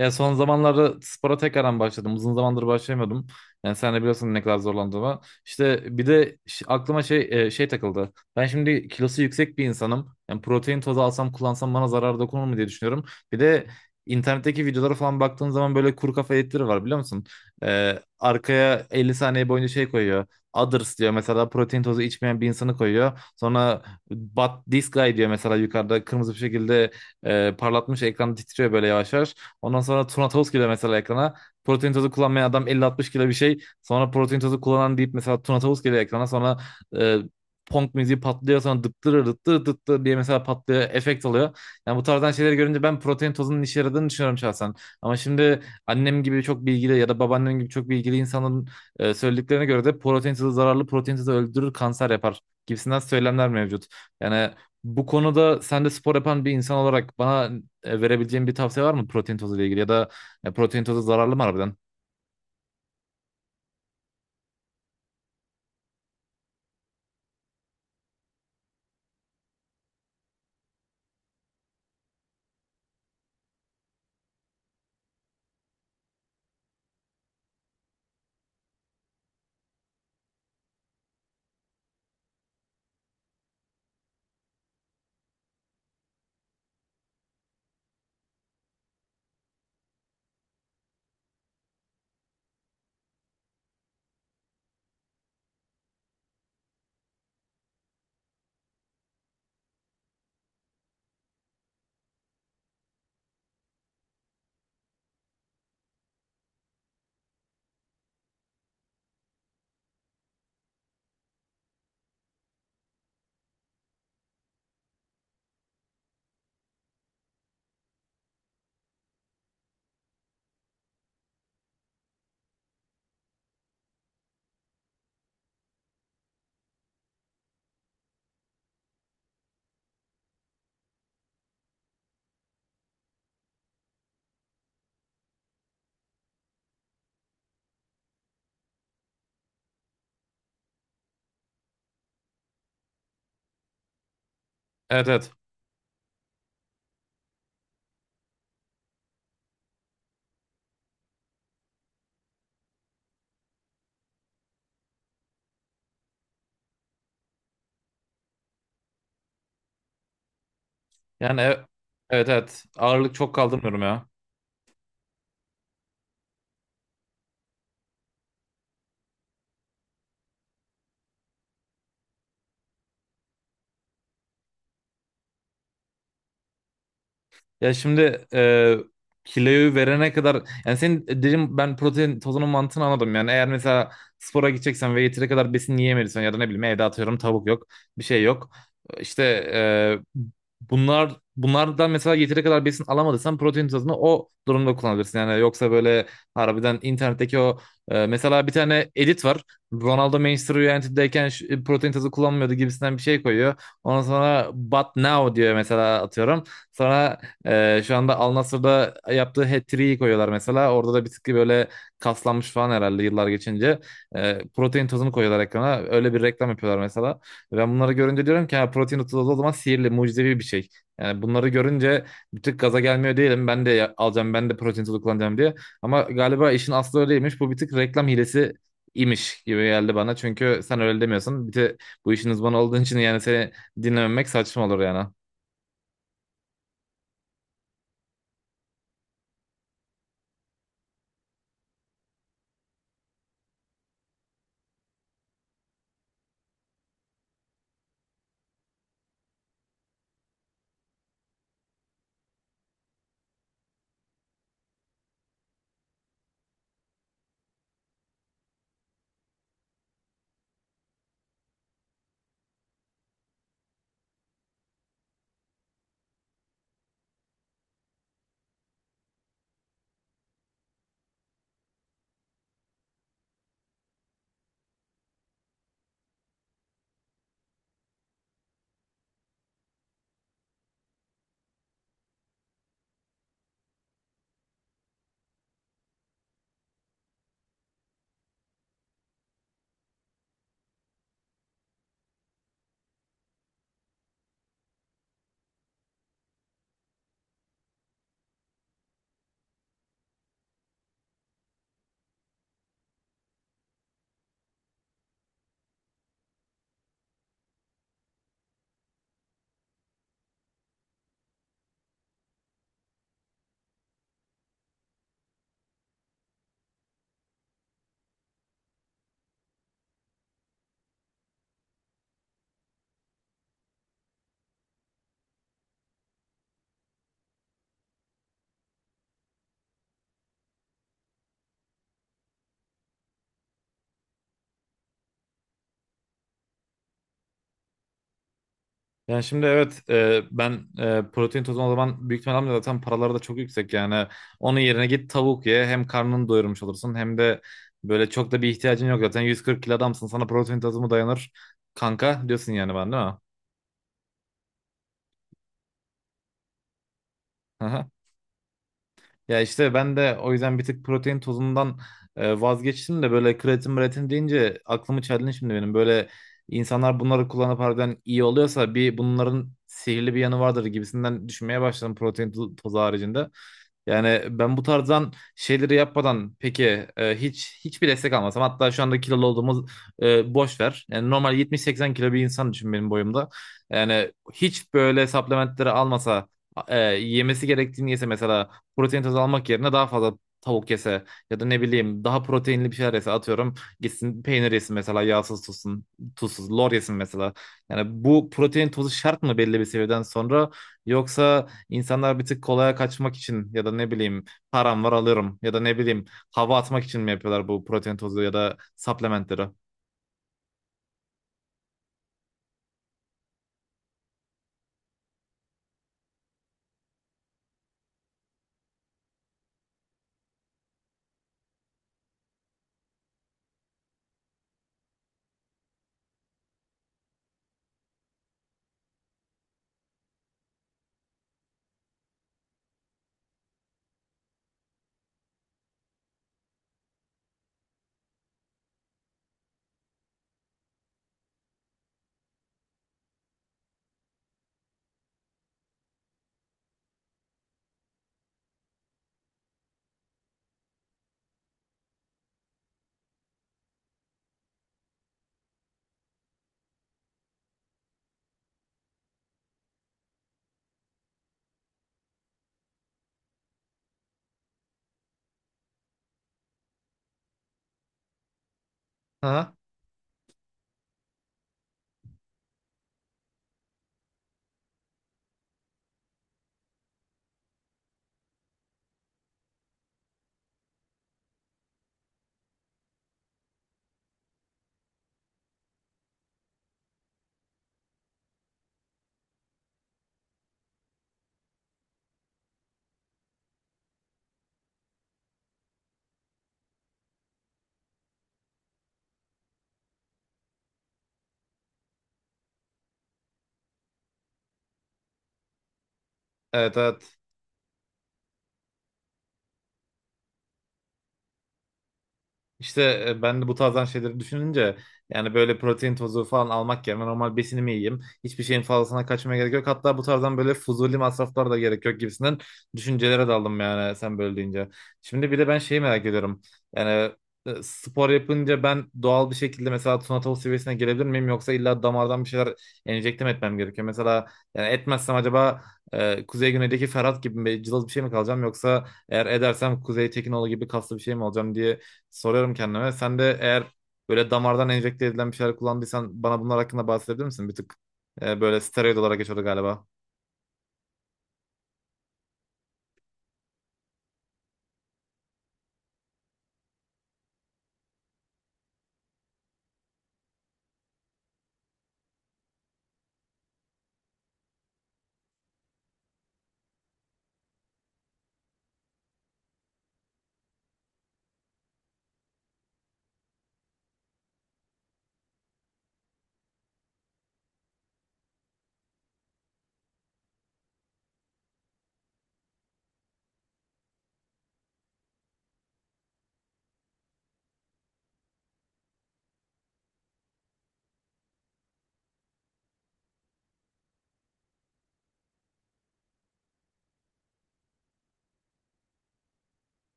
Ya son zamanlarda spora tekrardan başladım. Uzun zamandır başlayamıyordum. Yani sen de biliyorsun ne kadar zorlandığımı. İşte bir de aklıma şey takıldı. Ben şimdi kilosu yüksek bir insanım. Yani protein tozu alsam kullansam bana zarar dokunur mu diye düşünüyorum. Bir de internetteki videolara falan baktığın zaman böyle kuru kafa editleri var biliyor musun? Arkaya 50 saniye boyunca şey koyuyor. Others diyor mesela protein tozu içmeyen bir insanı koyuyor. Sonra but this guy diyor mesela yukarıda kırmızı bir şekilde parlatmış ekran titriyor böyle yavaş yavaş. Ondan sonra Tuna Toz geliyor mesela ekrana. Protein tozu kullanmayan adam 50-60 kilo bir şey. Sonra protein tozu kullanan deyip mesela Tuna Tavus geliyor ekrana. Sonra e, punk müziği patlıyor. Sonra dıttırır dıttır dıttır diye mesela patlıyor. Efekt alıyor. Yani bu tarzdan şeyleri görünce ben protein tozunun işe yaradığını düşünüyorum şahsen. Ama şimdi annem gibi çok bilgili ya da babaannem gibi çok bilgili insanların söylediklerine göre de protein tozu zararlı, protein tozu öldürür, kanser yapar gibisinden söylemler mevcut. Yani bu konuda sen de spor yapan bir insan olarak bana verebileceğin bir tavsiye var mı protein tozu ile ilgili ya da protein tozu zararlı mı harbiden? Evet, evet. Yani evet, evet. Ağırlık çok kaldırmıyorum ya. Ya şimdi kiloyu verene kadar, yani senin dedim, ben protein tozunun mantığını anladım. Yani eğer mesela spora gideceksen ve yeteri kadar besin yiyemediysen ya da ne bileyim, evde atıyorum tavuk yok, bir şey yok. İşte e, bunlardan mesela yeteri kadar besin alamadıysan protein tozunu o durumda kullanabilirsin. Yani yoksa böyle harbiden internetteki o mesela bir tane edit var. Ronaldo Manchester United'deyken protein tozu kullanmıyordu gibisinden bir şey koyuyor. Ondan sonra but now diyor mesela, atıyorum. Sonra şu anda Al Nassr'da yaptığı hat-trick'i koyuyorlar mesela. Orada da bir tık böyle kaslanmış falan herhalde yıllar geçince. Protein tozunu koyuyorlar ekrana. Öyle bir reklam yapıyorlar mesela. Ben bunları görünce diyorum ki ha, protein tozu o zaman sihirli, mucizevi bir şey. Yani bunları görünce bir tık gaza gelmiyor değilim. Ben de alacağım, ben de protein tozu kullanacağım diye. Ama galiba işin aslı öyleymiş. Bu bir tık reklam hilesi imiş gibi geldi bana. Çünkü sen öyle demiyorsun. Bir de bu işin uzmanı olduğun için yani seni dinlememek saçma olur yani. Yani şimdi evet, ben protein tozu o zaman büyük ihtimalle almıyorum. Zaten paraları da çok yüksek yani. Onun yerine git tavuk ye, hem karnını doyurmuş olursun, hem de böyle çok da bir ihtiyacın yok. Zaten 140 kilo adamsın, sana protein tozu mu dayanır kanka diyorsun yani, ben değil mi? Ya işte ben de o yüzden bir tık protein tozundan vazgeçtim de böyle kreatin mreatin deyince aklımı çeldin şimdi benim. Böyle insanlar bunları kullanıp harbiden iyi oluyorsa bir bunların sihirli bir yanı vardır gibisinden düşünmeye başladım protein tozu haricinde. Yani ben bu tarzdan şeyleri yapmadan peki, hiç hiçbir destek almasam, hatta şu anda kilolu olduğumuz boş ver. Yani normal 70-80 kilo bir insan düşün benim boyumda. Yani hiç böyle supplementleri almasa, yemesi gerektiğini yese, mesela protein tozu almak yerine daha fazla tavuk yese, ya da ne bileyim daha proteinli bir şeyler yese, atıyorum gitsin peynir yesin mesela, yağsız tutsun, tuzsuz lor yesin mesela. Yani bu protein tozu şart mı belli bir seviyeden sonra, yoksa insanlar bir tık kolaya kaçmak için ya da ne bileyim param var alırım, ya da ne bileyim hava atmak için mi yapıyorlar bu protein tozu ya da supplementleri? Ha? Evet, evet. İşte ben de bu tarzdan şeyleri düşününce yani böyle protein tozu falan almak yerine normal besinimi yiyeyim. Hiçbir şeyin fazlasına kaçmaya gerek yok. Hatta bu tarzdan böyle fuzuli masraflar da gerek yok gibisinden düşüncelere daldım, yani sen böyle deyince. Şimdi bir de ben şeyi merak ediyorum. Yani spor yapınca ben doğal bir şekilde mesela Tuna seviyesine gelebilir miyim? Yoksa illa damardan bir şeyler enjekte mi etmem gerekiyor? Mesela yani etmezsem acaba Kuzey Güney'deki Ferhat gibi bir cılız bir şey mi kalacağım? Yoksa eğer edersem Kuzey Tekinoğlu gibi kaslı bir şey mi olacağım diye soruyorum kendime. Sen de eğer böyle damardan enjekte edilen bir şeyler kullandıysan bana bunlar hakkında bahsedebilir misin? Bir tık böyle steroid olarak geçiyordu galiba.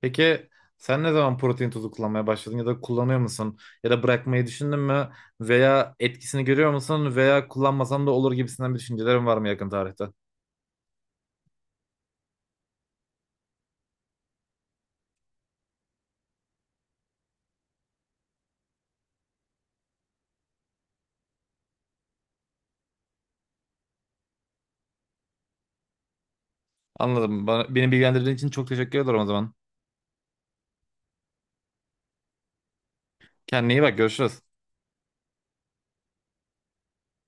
Peki sen ne zaman protein tozu kullanmaya başladın ya da kullanıyor musun? Ya da bırakmayı düşündün mü? Veya etkisini görüyor musun? Veya kullanmasan da olur gibisinden bir düşüncelerin var mı yakın tarihte? Anladım. Beni bilgilendirdiğin için çok teşekkür ederim o zaman. Kendine iyi bak, görüşürüz.